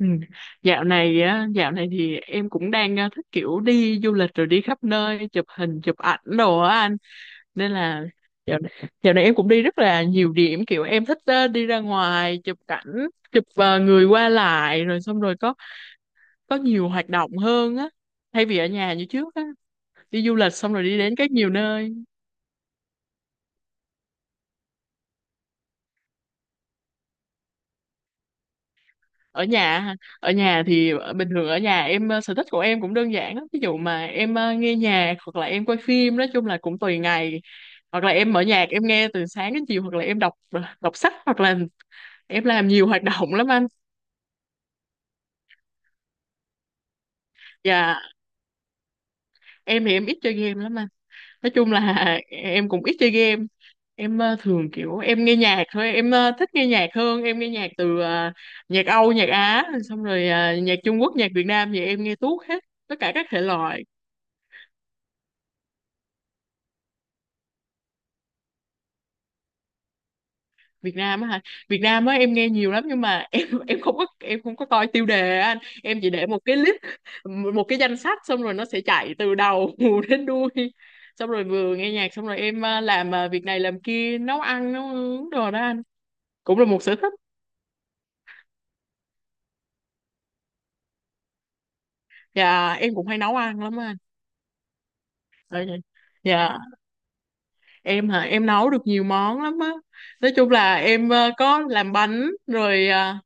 Ừ. Dạo này thì em cũng đang thích kiểu đi du lịch rồi đi khắp nơi chụp hình chụp ảnh đồ á anh, nên là dạo này, dạo này em cũng đi rất là nhiều điểm, kiểu em thích đi ra ngoài chụp cảnh, chụp người qua lại rồi xong rồi có nhiều hoạt động hơn á, thay vì ở nhà như trước á, đi du lịch xong rồi đi đến các nhiều nơi. Ở nhà hả? Ở nhà thì bình thường ở nhà em sở thích của em cũng đơn giản lắm, ví dụ mà em nghe nhạc hoặc là em coi phim, nói chung là cũng tùy ngày, hoặc là em mở nhạc em nghe từ sáng đến chiều, hoặc là em đọc sách, hoặc là em làm nhiều hoạt động lắm anh. Và em thì em ít chơi game lắm anh, nói chung là em cũng ít chơi game, em thường kiểu em nghe nhạc thôi, em thích nghe nhạc hơn, em nghe nhạc từ nhạc Âu nhạc Á, xong rồi nhạc Trung Quốc nhạc Việt Nam thì em nghe tuốt hết tất cả các thể loại. Việt Nam á hả? Việt Nam á em nghe nhiều lắm nhưng mà em không có coi tiêu đề á anh. Em chỉ để một cái danh sách, xong rồi nó sẽ chạy từ đầu đến đuôi. Xong rồi vừa nghe nhạc xong rồi em làm việc này làm kia, nấu ăn nấu uống đồ đó anh. Cũng là một sở thích. Dạ em cũng hay nấu ăn lắm á anh. Ờ, dạ, dạ, em hả? Em nấu được nhiều món lắm á. Nói chung là em có làm bánh rồi,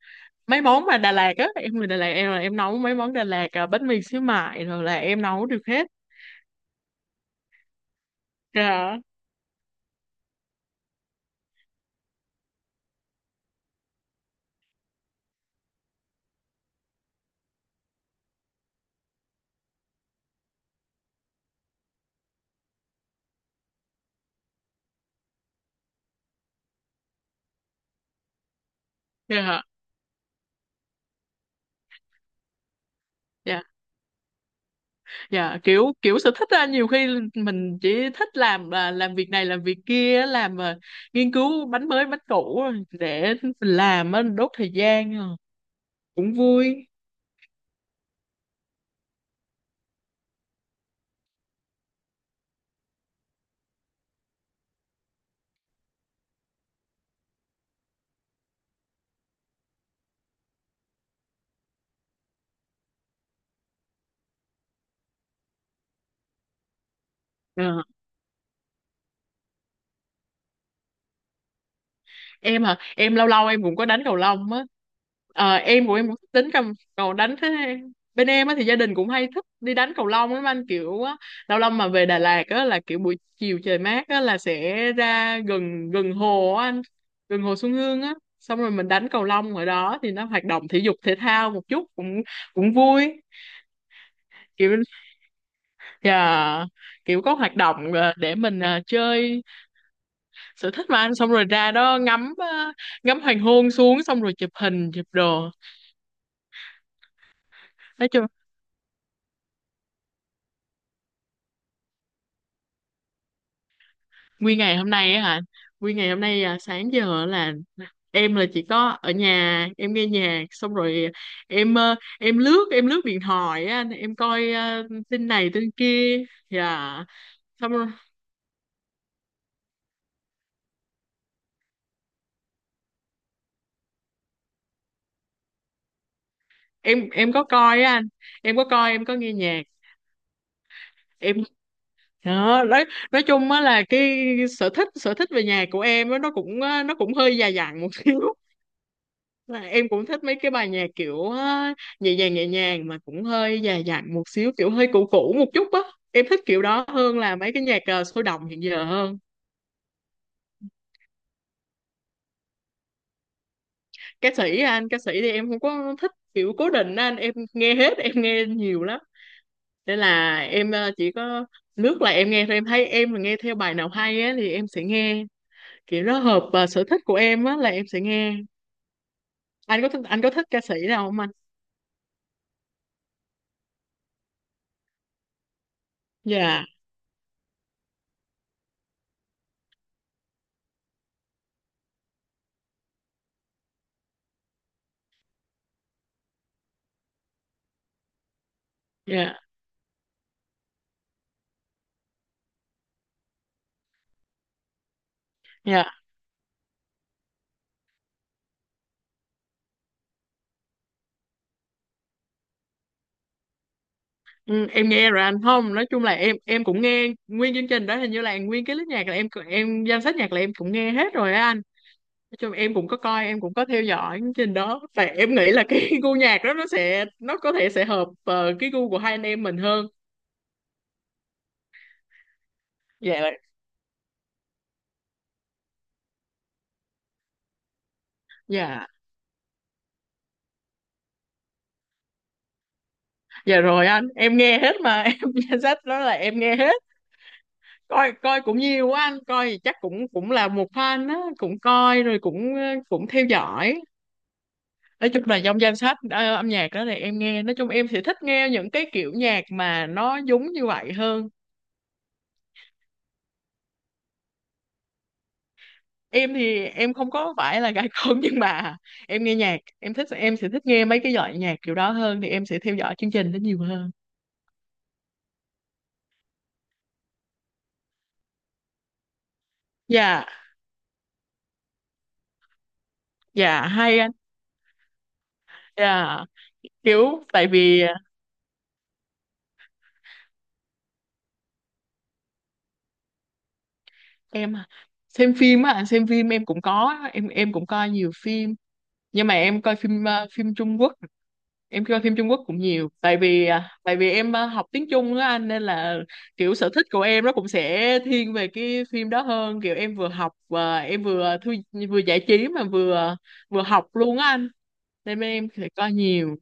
mấy món mà Đà Lạt á, em người Đà Lạt, em là em nấu mấy món Đà Lạt, bánh mì xíu mại rồi là em nấu được hết. Dạ, dạ, dạ, dạ, kiểu kiểu sở thích á, nhiều khi mình chỉ thích làm, làm việc này làm việc kia á, làm nghiên cứu bánh mới bánh cũ á, để mình làm á, đốt thời gian à. Cũng vui. Dạ. Em hả? Em lâu lâu em cũng có đánh cầu lông á. Ờ, em của em cũng thích đánh cầm cầu đánh thế, bên em á thì gia đình cũng hay thích đi đánh cầu lông lắm anh, kiểu á, lâu lâu mà về Đà Lạt á là kiểu buổi chiều trời mát á là sẽ ra gần gần hồ á anh, gần hồ Xuân Hương á, xong rồi mình đánh cầu lông ở đó thì nó hoạt động thể dục thể thao một chút, cũng cũng vui, kiểu yeah, kiểu có hoạt động để mình chơi sở thích mà anh, xong rồi ra đó ngắm hoàng hôn xuống, xong rồi chụp hình chụp đồ, nói chung. Nguyên ngày hôm nay á hả? Nguyên ngày hôm nay sáng giờ là em là chỉ có ở nhà em nghe nhạc xong rồi em em lướt điện thoại á anh. Em coi tin này tin kia. Dạ, xong rồi em có coi á anh, em có coi, em có nghe nhạc em đó. Nói chung á là cái sở thích về nhạc của em á, nó cũng hơi già dặn một xíu. Là em cũng thích mấy cái bài nhạc kiểu á, nhẹ nhàng mà cũng hơi già dặn một xíu, kiểu hơi cũ cũ một chút á, em thích kiểu đó hơn là mấy cái nhạc sôi động hiện giờ hơn. Ca sĩ anh? Ca sĩ thì em không có thích kiểu cố định á anh, em nghe hết, em nghe nhiều lắm, nên là em chỉ có lướt là em nghe thôi, em thấy em mà nghe theo bài nào hay á thì em sẽ nghe, kiểu nó hợp sở thích của em á là em sẽ nghe. Anh có thích ca sĩ nào không anh? Dạ. Dạ. Dạ. Ừ, em nghe rồi anh, không nói chung là em cũng nghe nguyên chương trình đó, hình như là nguyên cái list nhạc là em danh sách nhạc là em cũng nghe hết rồi á anh. Nói chung em cũng có coi, em cũng có theo dõi chương trình đó, tại em nghĩ là cái gu nhạc đó nó có thể sẽ hợp cái gu của hai anh em mình hơn. Dạ dạ. Dạ rồi anh, em nghe hết mà em danh sách đó là em nghe hết. Coi coi cũng nhiều quá anh, coi thì chắc cũng cũng là một fan á, cũng coi rồi cũng cũng theo dõi. Nói chung là trong danh sách âm nhạc đó thì em nghe, nói chung em sẽ thích nghe những cái kiểu nhạc mà nó giống như vậy hơn. Em thì em không có phải là gái con nhưng mà em nghe nhạc, em thích em sẽ thích nghe mấy cái loại nhạc kiểu đó hơn thì em sẽ theo dõi chương trình đó nhiều hơn. Dạ. Dạ hay anh. Dạ, kiểu tại vì em xem phim á anh, xem phim em cũng có, em cũng coi nhiều phim, nhưng mà em coi phim phim Trung Quốc, em coi phim Trung Quốc cũng nhiều, tại vì em học tiếng Trung á anh, nên là kiểu sở thích của em nó cũng sẽ thiên về cái phim đó hơn, kiểu em vừa học và em vừa giải trí mà vừa vừa học luôn á anh, nên bên em sẽ coi nhiều.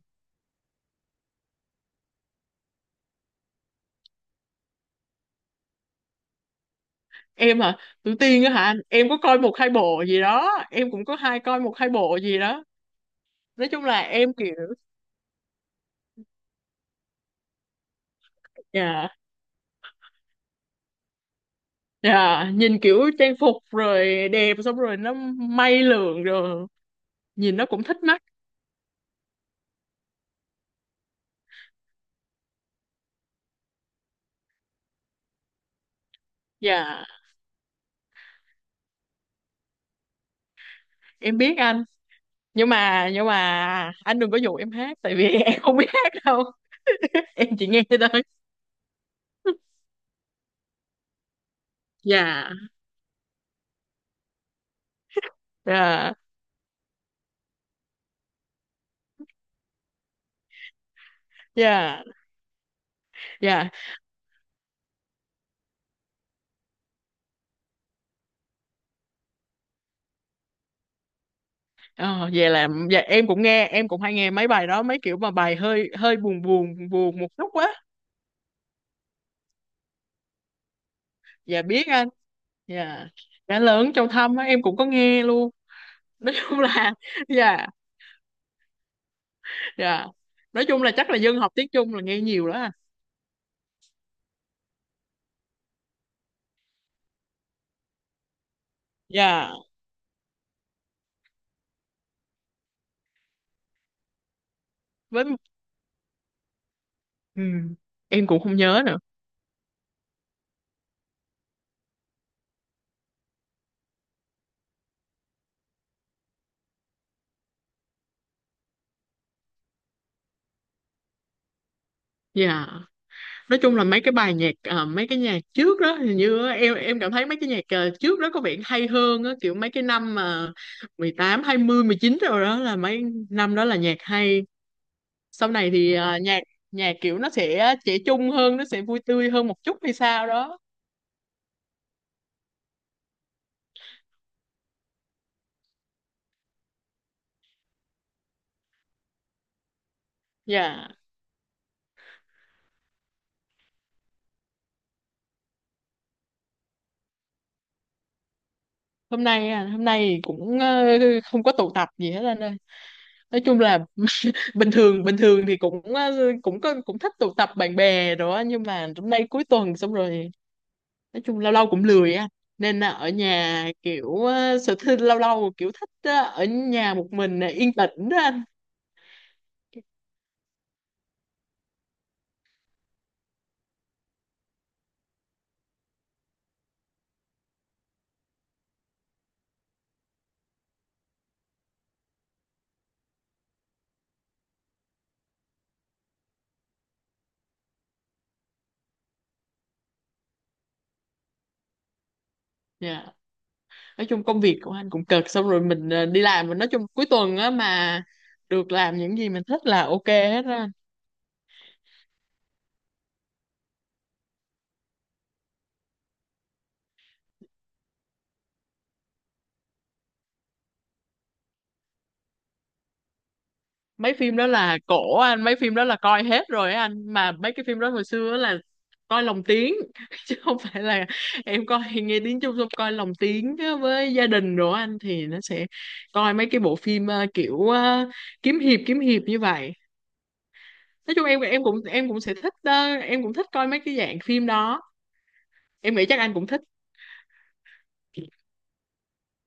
Em hả? Tuổi tiên á hả anh? Em có coi một hai bộ gì đó, em cũng có hai coi một hai bộ gì đó. Nói chung là em kiểu. Dạ. Dạ, nhìn kiểu trang phục rồi đẹp, xong rồi nó may lượn rồi, nhìn nó cũng thích mắt. Dạ em biết anh, nhưng mà anh đừng có dụ em hát, tại vì em không biết hát đâu. Em chỉ nghe thôi. Dạ. Dạ. Dạ. Dạ. Ờ, vậy là dạ, em cũng nghe em cũng hay nghe mấy bài đó, mấy kiểu mà bài hơi hơi buồn buồn buồn một chút quá. Dạ biết anh. Dạ, đã lớn trong thâm á em cũng có nghe luôn. Nói chung là dạ. Dạ, nói chung là chắc là dân học tiếng Trung là nghe nhiều đó à. Dạ với. Ừ, em cũng không nhớ nữa. Dạ, nói chung là mấy cái bài nhạc, mấy cái nhạc trước đó hình như á, em cảm thấy mấy cái nhạc trước đó có vẻ hay hơn á, kiểu mấy cái năm mà 18 20 19 rồi đó là mấy năm đó là nhạc hay. Sau này thì nhạc nhạc kiểu nó sẽ trẻ trung hơn, nó sẽ vui tươi hơn một chút hay sao đó. Dạ. Hôm nay cũng không có tụ tập gì hết anh ơi, nói chung là bình thường, bình thường thì cũng cũng có cũng thích tụ tập bạn bè rồi á, nhưng mà hôm nay cuối tuần xong rồi, nói chung lâu lâu cũng lười á, nên là ở nhà kiểu sở thích lâu lâu, kiểu thích ở nhà một mình yên tĩnh đó anh. Dạ. Nói chung công việc của anh cũng cực, xong rồi mình đi làm, mình nói chung cuối tuần á mà được làm những gì mình thích là ok hết á. Mấy phim đó là cổ anh, mấy phim đó là coi hết rồi á anh, mà mấy cái phim đó hồi xưa á là coi lồng tiếng chứ không phải là em coi nghe tiếng Trung, xong coi lồng tiếng á với gia đình rồi á anh, thì nó sẽ coi mấy cái bộ phim kiểu kiếm hiệp như vậy, nói chung em cũng em cũng thích coi mấy cái dạng phim đó, em nghĩ chắc anh cũng thích.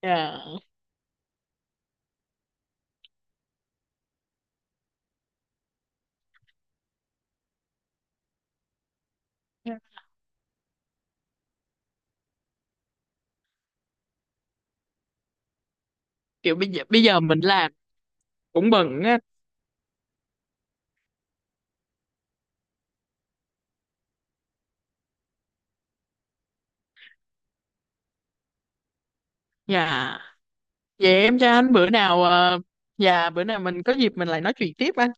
Dạ. Kiểu bây giờ mình làm cũng bận á. Dạ. Vậy em cho anh bữa nào, dạ bữa nào mình có dịp mình lại nói chuyện tiếp anh.